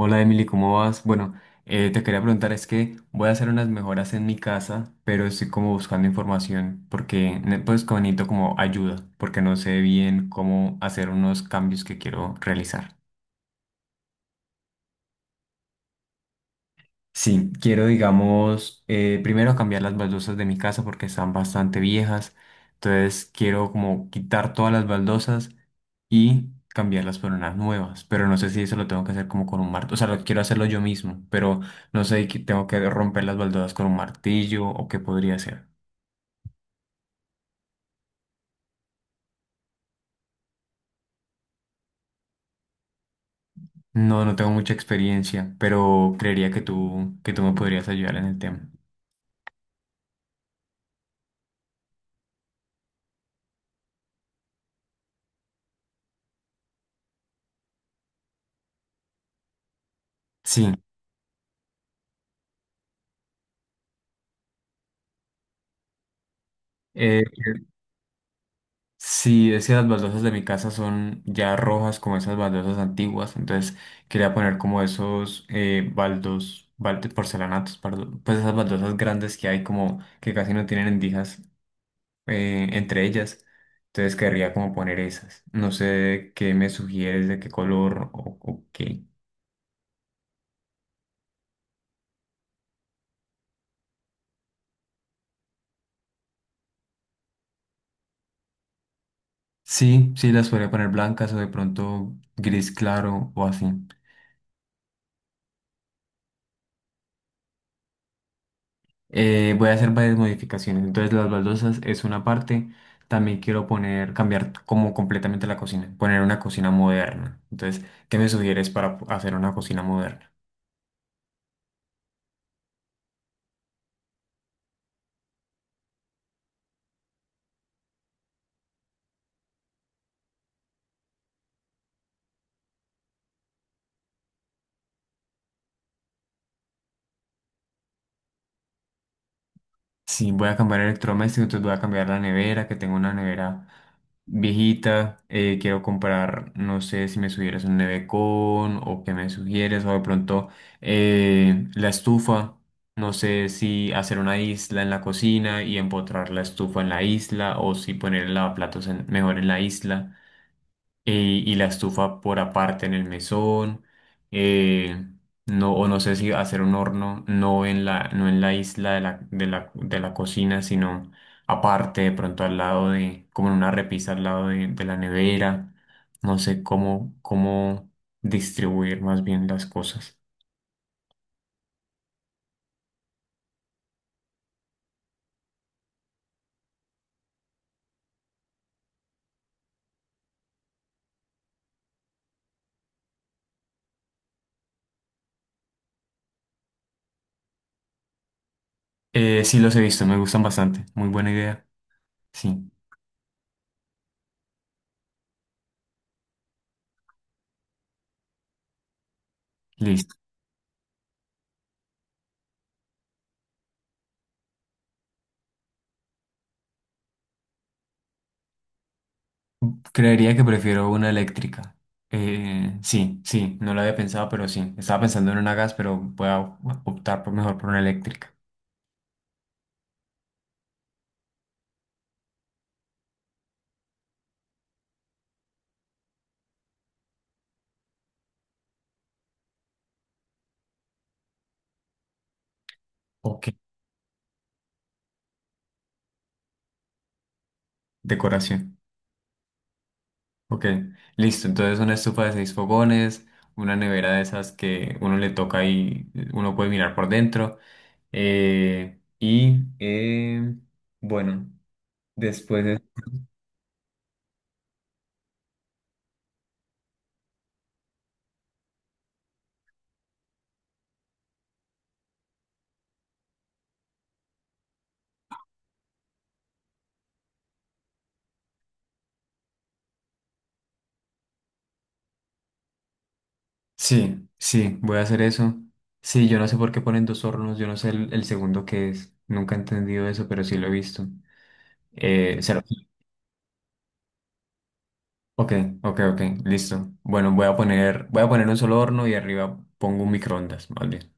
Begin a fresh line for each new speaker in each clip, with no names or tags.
Hola Emily, ¿cómo vas? Bueno, te quería preguntar, es que voy a hacer unas mejoras en mi casa, pero estoy como buscando información porque pues como necesito como ayuda, porque no sé bien cómo hacer unos cambios que quiero realizar. Sí, quiero, digamos, primero cambiar las baldosas de mi casa porque están bastante viejas. Entonces quiero como quitar todas las baldosas y cambiarlas por unas nuevas. Pero no sé si eso lo tengo que hacer como con un martillo. O sea, lo quiero hacerlo yo mismo, pero no sé que tengo que romper las baldosas con un martillo o qué podría hacer. No, no tengo mucha experiencia, pero creería que tú me podrías ayudar en el tema. Sí. eh, Sí, es que las baldosas de mi casa son ya rojas como esas baldosas antiguas, entonces quería poner como esos porcelanatos, perdón, pues esas baldosas grandes que hay como que casi no tienen endijas entre ellas, entonces querría como poner esas. No sé qué me sugieres, de qué color o qué. Sí, sí, las podría poner blancas o de pronto gris claro o así. Voy a hacer varias modificaciones. Entonces, las baldosas es una parte. También quiero poner, cambiar como completamente la cocina, poner una cocina moderna. Entonces, ¿qué me sugieres para hacer una cocina moderna? Sí, voy a cambiar electrodoméstico, entonces voy a cambiar la nevera, que tengo una nevera viejita. Quiero comprar, no sé si me sugieres un nevecón o qué me sugieres, o de pronto la estufa. No sé si hacer una isla en la cocina y empotrar la estufa en la isla, o si poner el lavaplatos mejor en la isla y la estufa por aparte en el mesón, eh, no, o no sé si hacer un horno, no en la, no en la isla de la cocina, sino aparte, de pronto al lado de, como en una repisa al lado de la nevera, no sé cómo distribuir más bien las cosas. Sí los he visto, me gustan bastante, muy buena idea, sí, listo. Creería que prefiero una eléctrica. Sí, sí, no lo había pensado, pero sí. Estaba pensando en una gas, pero voy a optar por mejor por una eléctrica. Ok. Decoración. Ok, listo. Entonces una estufa de 6 fogones, una nevera de esas que uno le toca y uno puede mirar por dentro. Eh, y eh, bueno, después de... Sí, sí, voy a hacer eso. Sí, yo no sé por qué ponen 2 hornos, yo no sé el segundo que es. Nunca he entendido eso, pero sí lo he visto. Cero. Ok, ok, ok, listo. Bueno, voy a poner un solo horno y arriba pongo un microondas, más bien.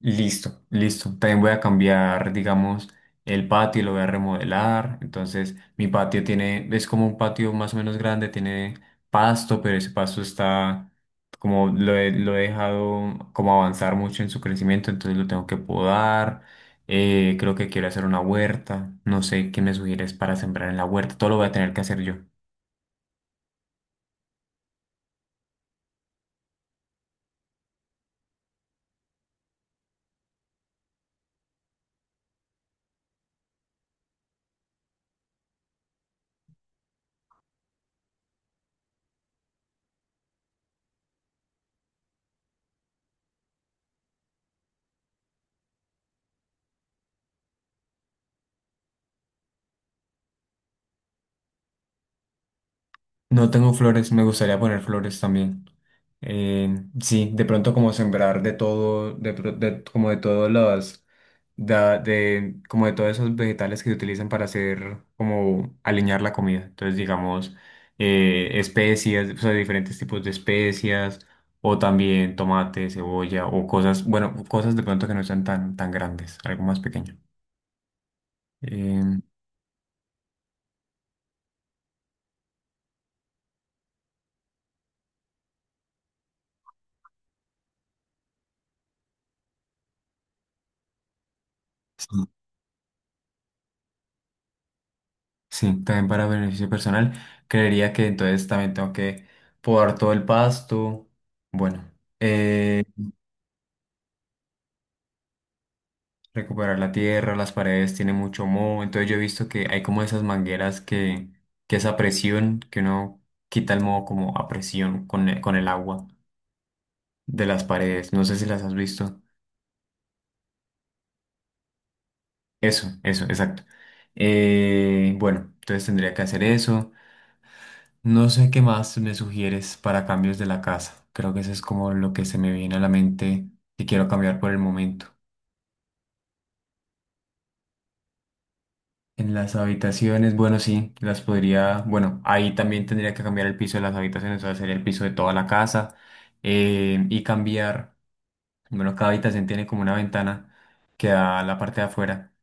Listo, listo. También voy a cambiar, digamos, el patio, lo voy a remodelar. Entonces, mi patio tiene, es como un patio más o menos grande, tiene pasto, pero ese pasto está como lo he dejado como avanzar mucho en su crecimiento, entonces lo tengo que podar. Creo que quiero hacer una huerta. No sé qué me sugieres para sembrar en la huerta. Todo lo voy a tener que hacer yo. No tengo flores, me gustaría poner flores también. Eh, sí, de pronto como sembrar de todo, como de todos los, como de todos esos vegetales que se utilizan para hacer, como alinear la comida. Entonces, digamos, especias, o sea, diferentes tipos de especias, o también tomate, cebolla, o cosas, bueno, cosas de pronto que no sean tan, tan grandes, algo más pequeño. Em, sí. Sí, también para beneficio personal. Creería que entonces también tengo que podar todo el pasto. Bueno, eh, recuperar la tierra, las paredes tiene mucho moho. Entonces yo he visto que hay como esas mangueras que esa presión, que uno quita el moho como a presión con el agua de las paredes. No sé si las has visto. Eso, exacto. Bueno, entonces tendría que hacer eso. No sé qué más me sugieres para cambios de la casa. Creo que eso es como lo que se me viene a la mente que quiero cambiar por el momento. En las habitaciones, bueno, sí, las podría, bueno, ahí también tendría que cambiar el piso de las habitaciones, o sea, sería el piso de toda la casa y cambiar, bueno, cada habitación tiene como una ventana que da a la parte de afuera.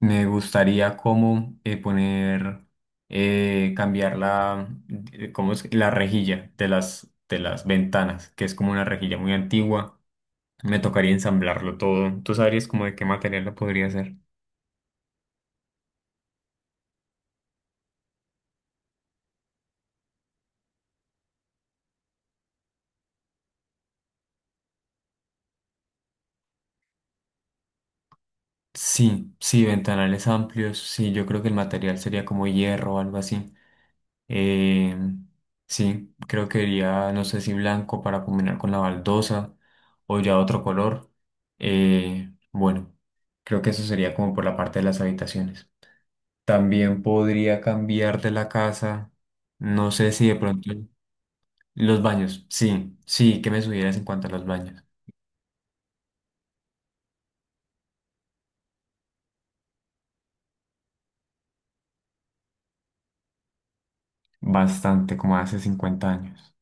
Me gustaría como cambiar la, ¿cómo es? La rejilla de las ventanas, que es como una rejilla muy antigua. Me tocaría ensamblarlo todo. ¿Tú sabrías como de qué material lo podría hacer? Sí, sí, ventanales amplios. Sí, yo creo que el material sería como hierro o algo así. Eh, sí, creo que iría, no sé si blanco para combinar con la baldosa o ya otro color. Bueno, creo que eso sería como por la parte de las habitaciones. También podría cambiar de la casa, no sé si de pronto los baños. Sí, sí, que me sugieras en cuanto a los baños. Bastante, como hace 50 años.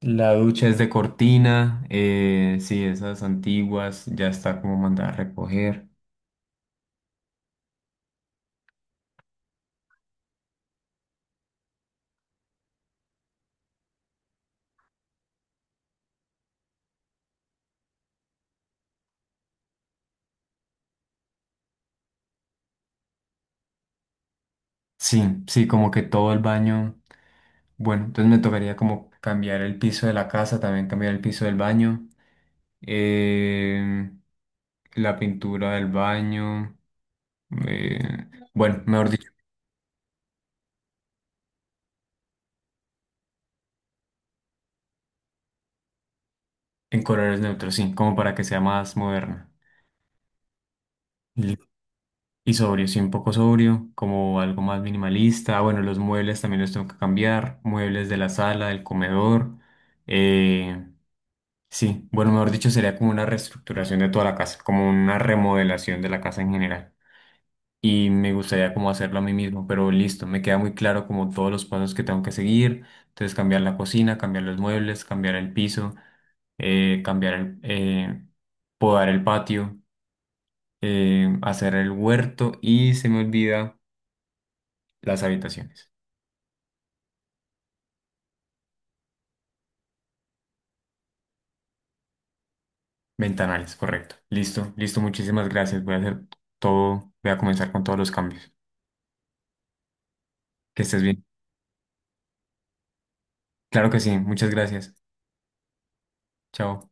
La ducha es de cortina, sí, esas antiguas, ya está como mandada a recoger. Sí, sí, como que todo el baño. Bueno, entonces me tocaría como cambiar el piso de la casa, también cambiar el piso del baño, eh, la pintura del baño. eh, bueno, mejor dicho, en colores neutros, sí, como para que sea más moderna. Y y sobrio, sí, un poco sobrio, como algo más minimalista. Bueno, los muebles también los tengo que cambiar, muebles de la sala, del comedor. eh, Sí, bueno, mejor dicho, sería como una reestructuración de toda la casa, como una remodelación de la casa en general. Y me gustaría como hacerlo a mí mismo, pero listo, me queda muy claro como todos los pasos que tengo que seguir. Entonces, cambiar la cocina, cambiar los muebles, cambiar el piso, eh, cambiar el, eh, podar el patio, hacer el huerto y se me olvida las habitaciones. Ventanales, correcto. Listo, listo, muchísimas gracias. Voy a hacer todo, voy a comenzar con todos los cambios. Que estés bien. Claro que sí, muchas gracias. Chao.